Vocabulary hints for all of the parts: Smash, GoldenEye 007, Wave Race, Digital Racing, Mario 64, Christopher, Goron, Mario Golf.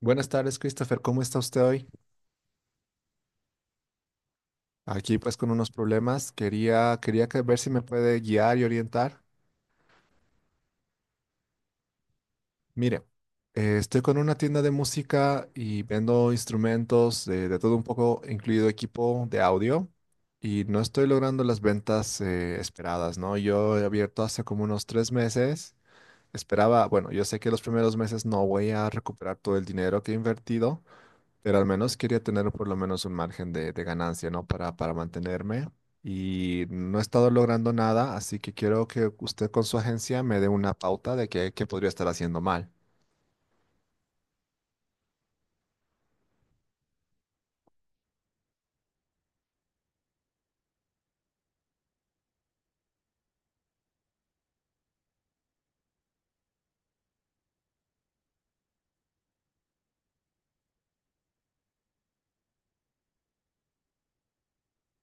Buenas tardes, Christopher. ¿Cómo está usted hoy? Aquí pues con unos problemas. Quería ver si me puede guiar y orientar. Mire, estoy con una tienda de música y vendo instrumentos, de todo un poco, incluido equipo de audio, y no estoy logrando las ventas esperadas, ¿no? Yo he abierto hace como unos 3 meses. Esperaba, bueno, yo sé que los primeros meses no voy a recuperar todo el dinero que he invertido, pero al menos quería tener por lo menos un margen de ganancia, ¿no? Para mantenerme. Y no he estado logrando nada, así que quiero que usted con su agencia me dé una pauta de qué podría estar haciendo mal.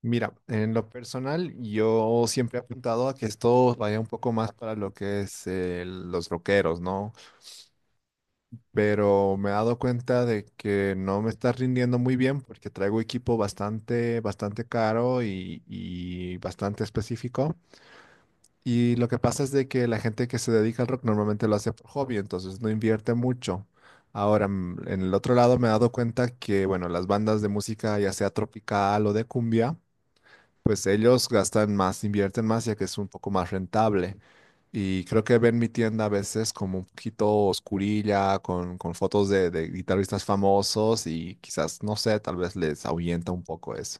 Mira, en lo personal, yo siempre he apuntado a que esto vaya un poco más para lo que es, los rockeros, ¿no? Pero me he dado cuenta de que no me está rindiendo muy bien porque traigo equipo bastante, bastante caro y bastante específico. Y lo que pasa es de que la gente que se dedica al rock normalmente lo hace por hobby, entonces no invierte mucho. Ahora, en el otro lado me he dado cuenta que, bueno, las bandas de música, ya sea tropical o de cumbia, pues ellos gastan más, invierten más, ya que es un poco más rentable. Y creo que ven mi tienda a veces como un poquito oscurilla, con fotos de guitarristas famosos y quizás, no sé, tal vez les ahuyenta un poco eso.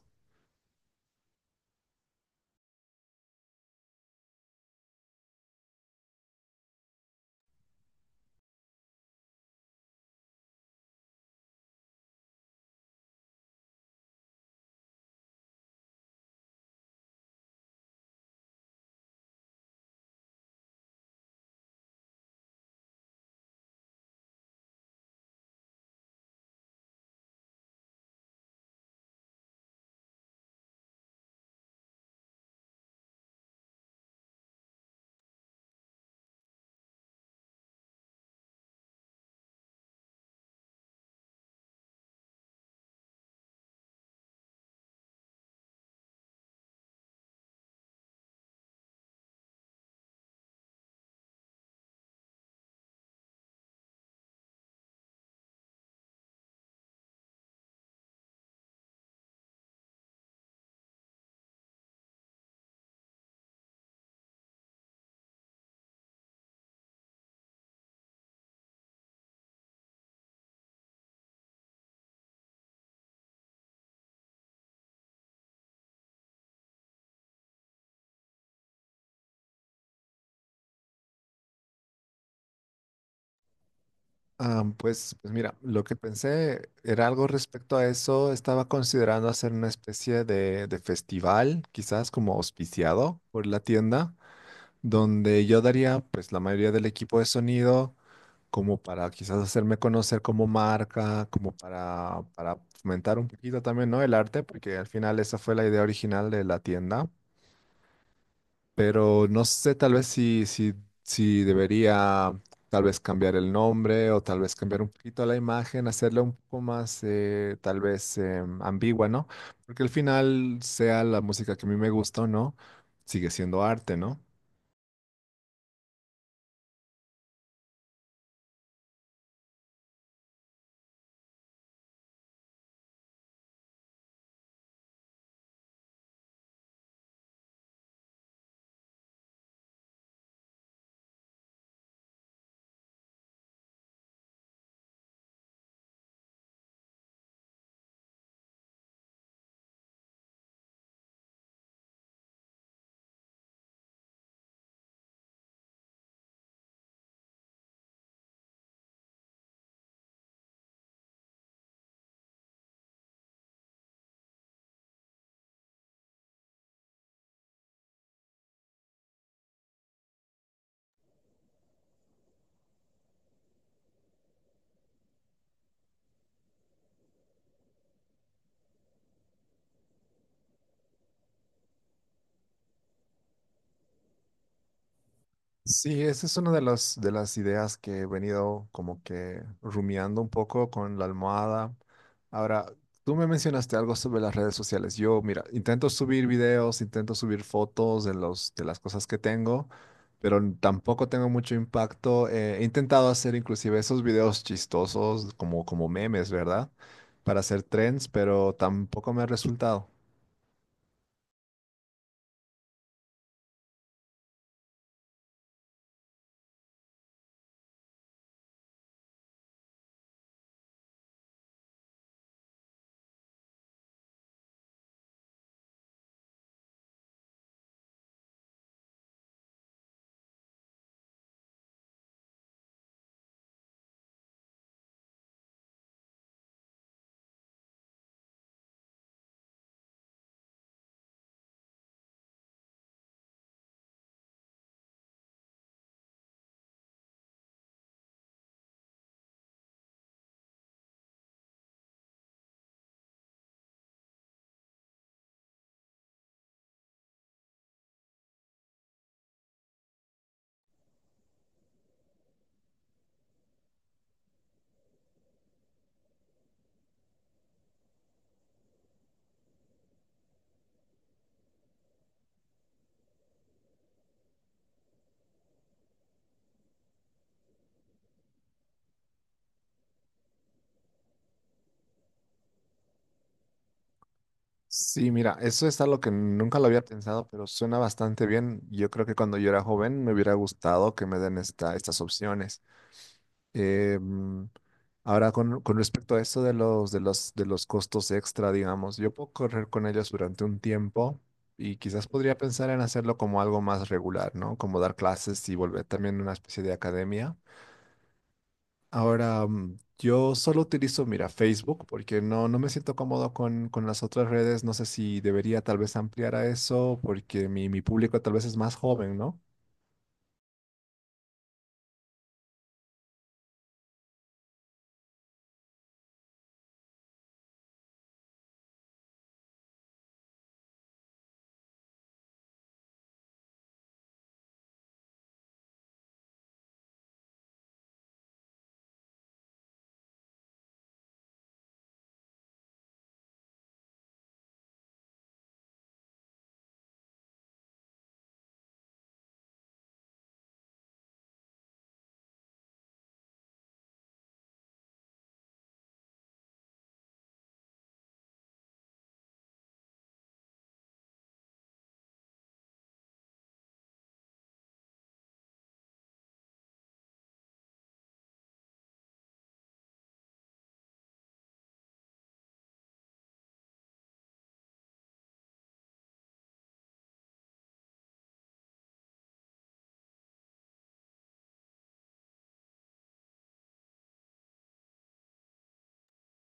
Ah, pues mira, lo que pensé era algo respecto a eso. Estaba considerando hacer una especie de festival, quizás como auspiciado por la tienda, donde yo daría pues la mayoría del equipo de sonido como para quizás hacerme conocer como marca, como para fomentar un poquito también, ¿no? El arte, porque al final esa fue la idea original de la tienda. Pero no sé tal vez si debería tal vez cambiar el nombre o tal vez cambiar un poquito la imagen, hacerla un poco más, tal vez ambigua, ¿no? Porque al final, sea la música que a mí me gusta o no, sigue siendo arte, ¿no? Sí, esa es una de las ideas que he venido como que rumiando un poco con la almohada. Ahora, tú me mencionaste algo sobre las redes sociales. Yo, mira, intento subir videos, intento subir fotos de los, de las cosas que tengo, pero tampoco tengo mucho impacto. He intentado hacer inclusive esos videos chistosos como, como memes, ¿verdad? Para hacer trends, pero tampoco me ha resultado. Sí, mira, eso es algo que nunca lo había pensado, pero suena bastante bien. Yo creo que cuando yo era joven me hubiera gustado que me den estas opciones. Eh, mm, ahora, con respecto a eso de los costos extra, digamos, yo puedo correr con ellos durante un tiempo y quizás podría pensar en hacerlo como algo más regular, ¿no? Como dar clases y volver también a una especie de academia. Ahora, yo solo utilizo, mira, Facebook porque no, no me siento cómodo con las otras redes. No sé si debería tal vez ampliar a eso porque mi público tal vez es más joven, ¿no?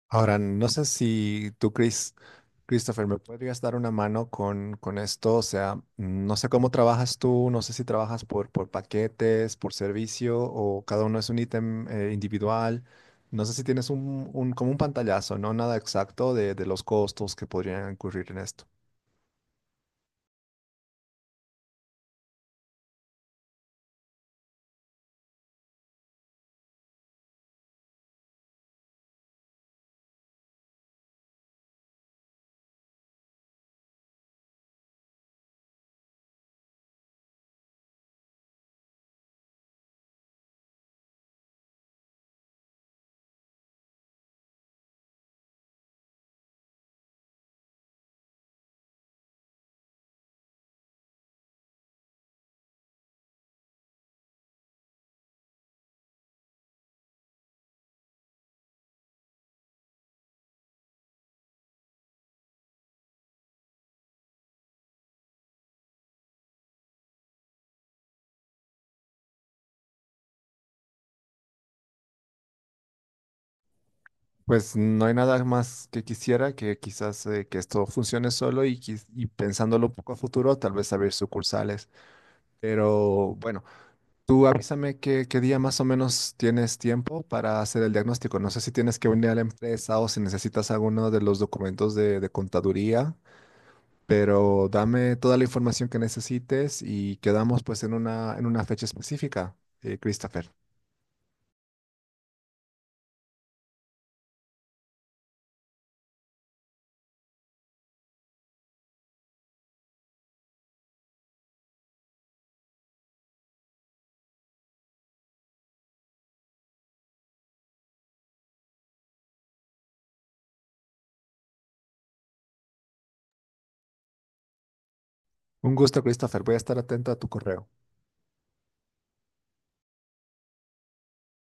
Ahora, no sé si tú, Christopher, me podrías dar una mano con esto. O sea, no sé cómo trabajas tú, no sé si trabajas por paquetes, por servicio o cada uno es un ítem, individual. No sé si tienes como un pantallazo, ¿no? Nada exacto de los costos que podrían incurrir en esto. Pues no hay nada más que quisiera que quizás, que esto funcione solo y, y pensándolo un poco a futuro, tal vez abrir sucursales. Pero bueno, tú avísame qué día más o menos tienes tiempo para hacer el diagnóstico. No sé si tienes que venir a la empresa o si necesitas alguno de los documentos de contaduría, pero dame toda la información que necesites y quedamos pues en una fecha específica, Christopher. Un gusto, Christopher. Voy a estar atento a tu correo.